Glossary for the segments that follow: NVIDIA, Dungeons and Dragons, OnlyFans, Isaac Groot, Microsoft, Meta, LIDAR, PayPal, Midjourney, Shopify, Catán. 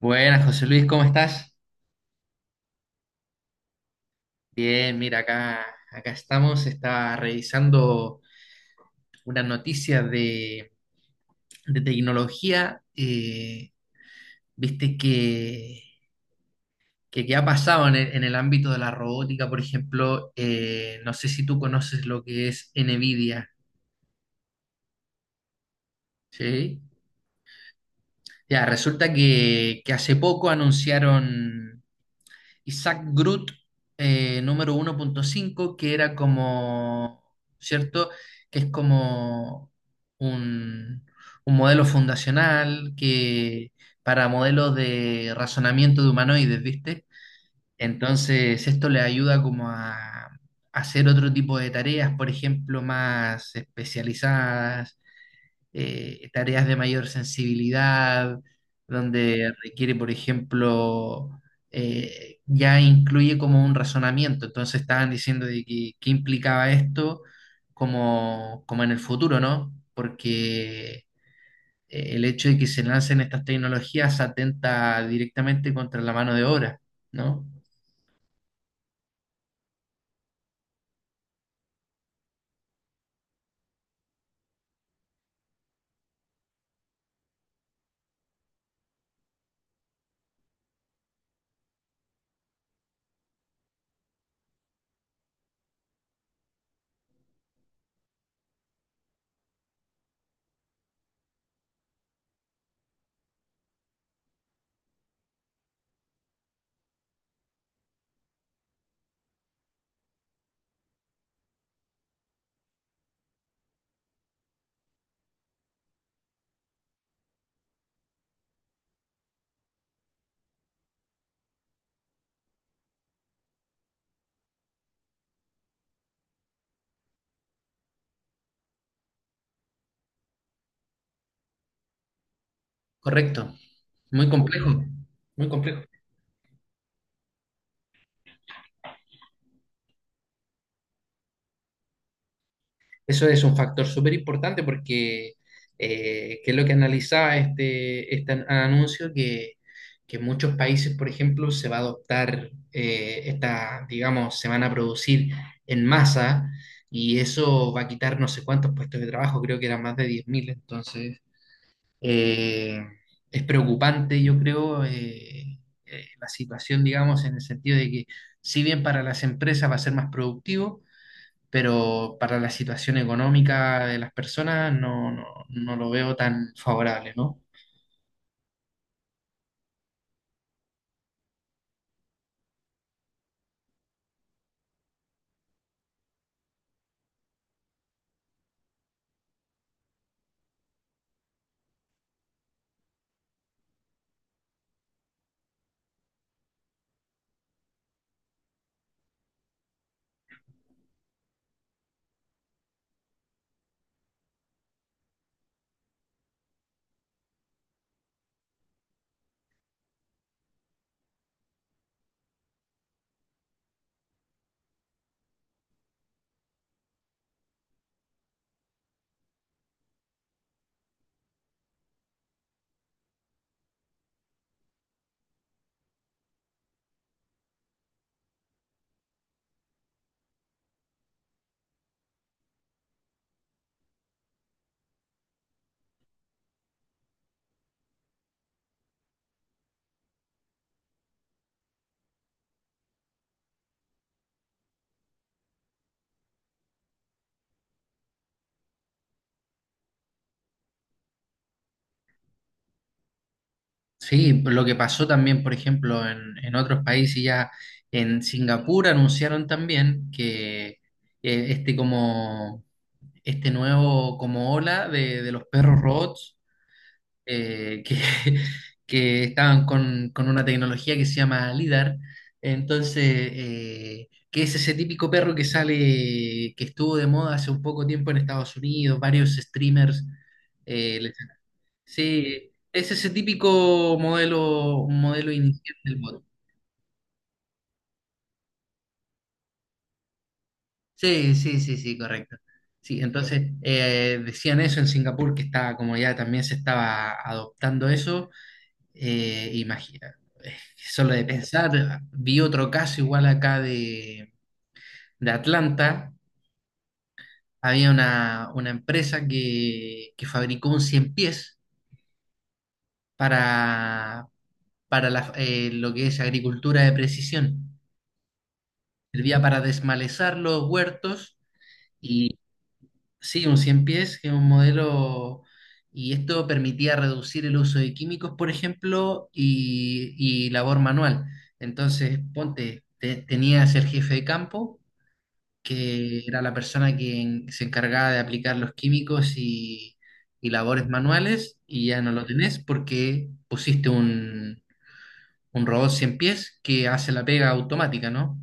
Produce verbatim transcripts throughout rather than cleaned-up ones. Buenas, José Luis, ¿cómo estás? Bien, mira, acá, acá estamos. Estaba revisando una noticia de, de tecnología. eh, viste que, que, que ha pasado en el, en el ámbito de la robótica, por ejemplo. Eh, no sé si tú conoces lo que es NVIDIA, ¿sí? Ya, resulta que, que hace poco anunciaron. Isaac Groot eh, número uno punto cinco, que era como, ¿cierto? Que es como un, un modelo fundacional que para modelos de razonamiento de humanoides, ¿viste? Entonces, esto le ayuda como a hacer otro tipo de tareas, por ejemplo, más especializadas, eh, tareas de mayor sensibilidad, donde requiere, por ejemplo, eh, ya incluye como un razonamiento. Entonces estaban diciendo de que, qué implicaba esto como, como en el futuro, ¿no? Porque eh, el hecho de que se lancen estas tecnologías atenta directamente contra la mano de obra, ¿no? Correcto. Muy complejo, muy complejo. Eso es un factor súper importante porque, eh, que es lo que analizaba este, este an- anuncio, que, que en muchos países, por ejemplo, se va a adoptar eh, esta, digamos, se van a producir en masa y eso va a quitar no sé cuántos puestos de trabajo, creo que eran más de diez mil. entonces eh, es preocupante, yo creo, eh, eh, la situación, digamos, en el sentido de que si bien para las empresas va a ser más productivo, pero para la situación económica de las personas no, no, no lo veo tan favorable, ¿no? Sí, lo que pasó también, por ejemplo, en, en otros países ya, en Singapur anunciaron también que eh, este como este nuevo como ola de, de los perros robots eh, que, que estaban con, con una tecnología que se llama LIDAR. Entonces, eh, que es ese típico perro que sale, que estuvo de moda hace un poco tiempo en Estados Unidos, varios streamers. eh, les- sí, es ese típico modelo, modelo inicial del bot. Sí, sí, sí, sí, correcto. Sí, entonces eh, decían eso en Singapur, que estaba como ya también se estaba adoptando eso. Eh, imagina, eh, solo de pensar, vi otro caso igual acá de, de Atlanta. Había una, una empresa que, que fabricó un cien pies para, para la- eh, lo que es agricultura de precisión. Servía para desmalezar los huertos. Sí, un cien pies, que es un modelo, y esto permitía reducir el uso de químicos, por ejemplo, y, y labor manual. Entonces, ponte, te- tenías el jefe de campo, que era la persona que en- se encargaba de aplicar los químicos y, y labores manuales, y ya no lo tenés porque pusiste un, un robot cien pies que hace la pega automática, ¿no?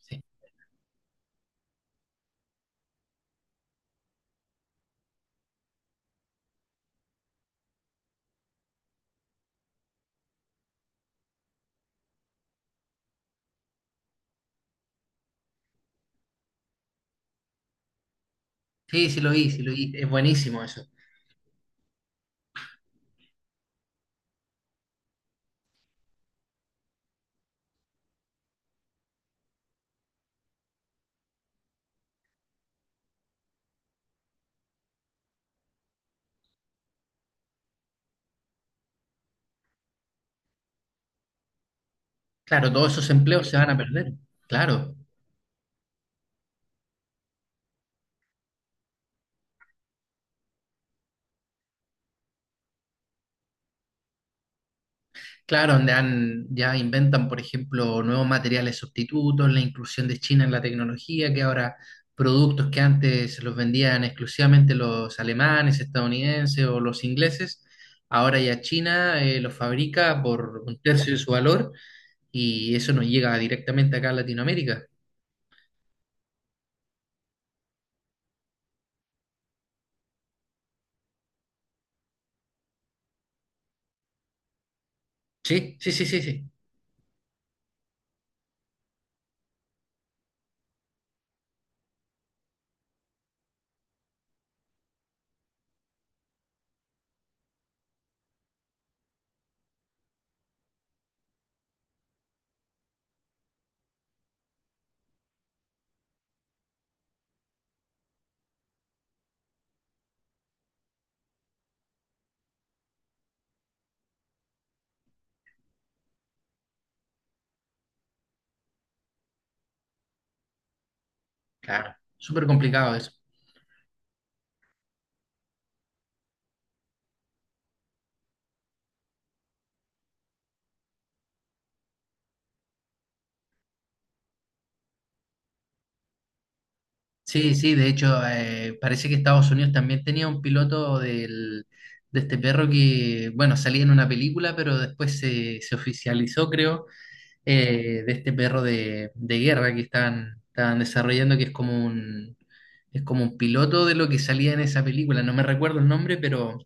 Sí, sí, sí lo vi, sí lo vi, es buenísimo eso. Claro, todos esos empleos se van a perder, claro. Claro, donde han, ya inventan, por ejemplo, nuevos materiales sustitutos, la inclusión de China en la tecnología, que ahora productos que antes los vendían exclusivamente los alemanes, estadounidenses o los ingleses, ahora ya China eh, los fabrica por un tercio de su valor y eso nos llega directamente acá a Latinoamérica. Sí, sí, sí, sí, sí. Claro, súper complicado eso. Sí, sí, de hecho, eh, parece que Estados Unidos también tenía un piloto del, de este perro que, bueno, salía en una película, pero después se, se oficializó, creo, eh, de este perro de, de guerra que están, están desarrollando, que es como un, es como un piloto de lo que salía en esa película. No me recuerdo el nombre, pero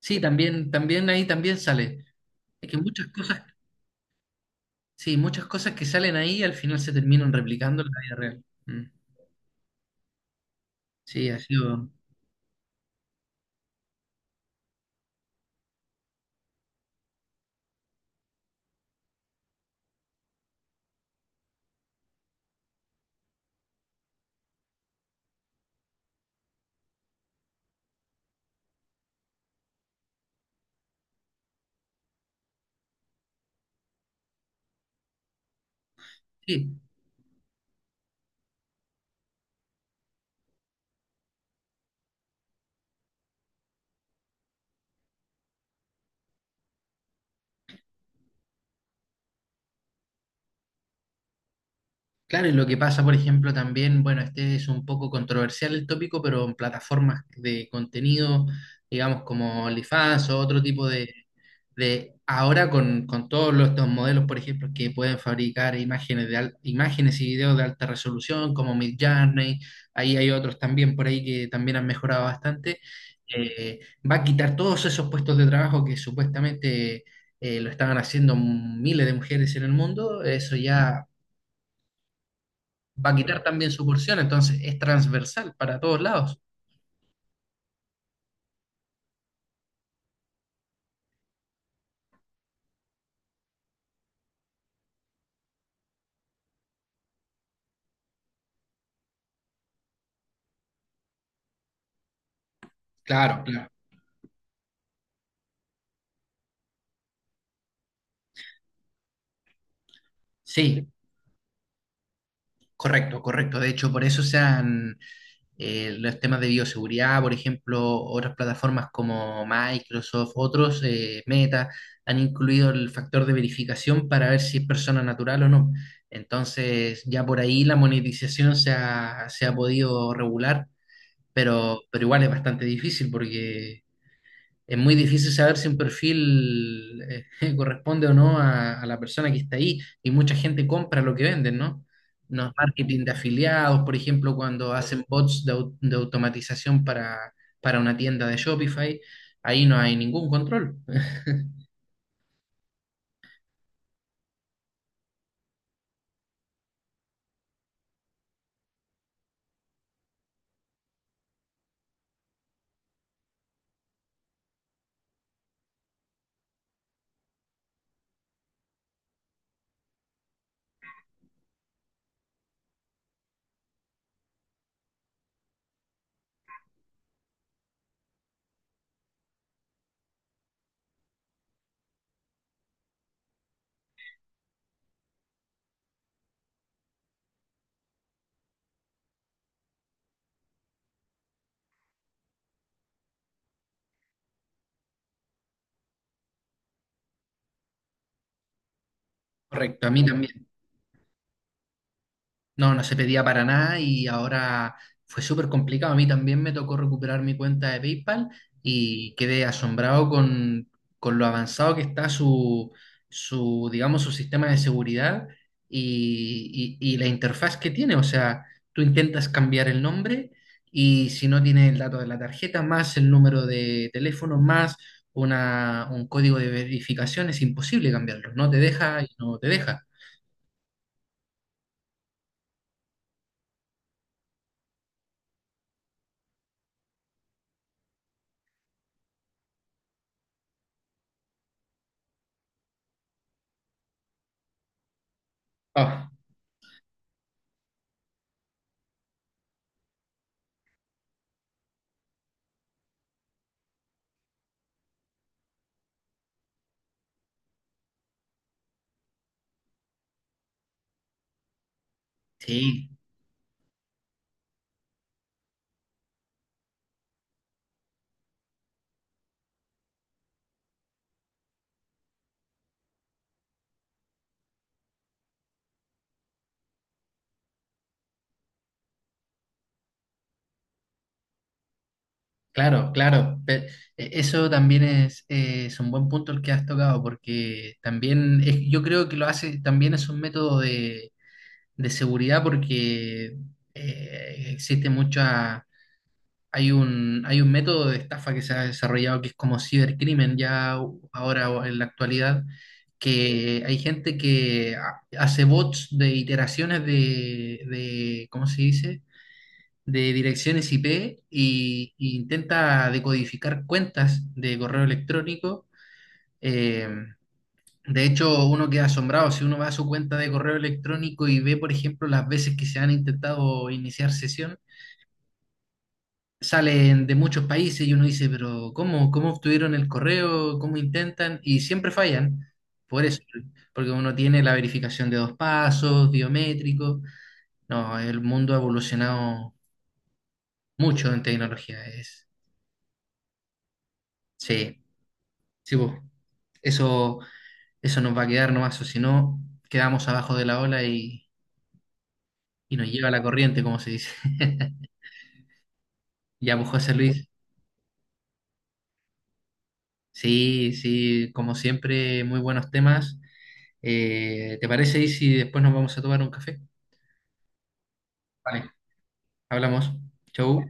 sí, también, también ahí también sale. Es que muchas cosas, sí, muchas cosas que salen ahí al final se terminan replicando en la vida real. Mm. Sí, ha sido, sí. Claro, y lo que pasa, por ejemplo, también, bueno, este es un poco controversial el tópico, pero en plataformas de contenido, digamos, como OnlyFans o otro tipo de, de ahora con, con todos los- estos modelos, por ejemplo, que pueden fabricar imágenes de al- imágenes y videos de alta resolución, como Midjourney, ahí hay otros también por ahí que también han mejorado bastante, eh, va a quitar todos esos puestos de trabajo que supuestamente eh, lo estaban haciendo miles de mujeres en el mundo, eso ya va a quitar también su porción, entonces es transversal para todos lados. Claro, claro. Sí, correcto, correcto. De hecho, por eso se han eh, los temas de bioseguridad, por ejemplo, otras plataformas como Microsoft, otros, eh, Meta, han incluido el factor de verificación para ver si es persona natural o no. Entonces, ya por ahí la monetización se ha, se ha podido regular, pero, pero igual es bastante difícil porque es muy difícil saber si un perfil eh, corresponde o no a, a la persona que está ahí y mucha gente compra lo que venden, ¿no? Los marketing de afiliados, por ejemplo, cuando hacen bots de, au- de automatización para, para una tienda de Shopify, ahí no hay ningún control. Correcto, a mí también. No, no se pedía para nada y ahora fue súper complicado. A mí también me tocó recuperar mi cuenta de PayPal y quedé asombrado con, con lo avanzado que está su, su, digamos, su sistema de seguridad y, y- y la interfaz que tiene. O sea, tú intentas cambiar el nombre y si no tienes el dato de la tarjeta, más el número de teléfono, más una, un código de verificación, es imposible cambiarlo. No te deja y no te deja. Ah, sí. Claro, claro. Pe- e- Eso también es, eh, es un buen punto el que has tocado, porque también es- yo creo que lo hace, también es un método de, de seguridad, porque eh, existe mucha, hay un, hay un método de estafa que se ha desarrollado que es como cibercrimen ya u- ahora o en la actualidad, que hay gente que ha- hace bots de iteraciones de, de ¿cómo se dice? De direcciones I P y, y intenta decodificar cuentas de correo electrónico. Eh, de hecho, uno queda asombrado si uno va a su cuenta de correo electrónico y ve, por ejemplo, las veces que se han intentado iniciar sesión. Salen de muchos países y uno dice, pero ¿cómo, cómo obtuvieron el correo? ¿Cómo intentan? Y siempre fallan. Por eso, porque uno tiene la verificación de dos pasos, biométrico. No, el mundo ha evolucionado mucho en tecnología. Es, sí. Sí, po. Eso, eso nos va a quedar nomás, o si no, quedamos abajo de la ola y, y nos lleva la corriente, como se dice. Ya, pues José Luis, sí, sí, como siempre, muy buenos temas. Eh, ¿te parece y si después nos vamos a tomar un café? Vale, hablamos. Chau.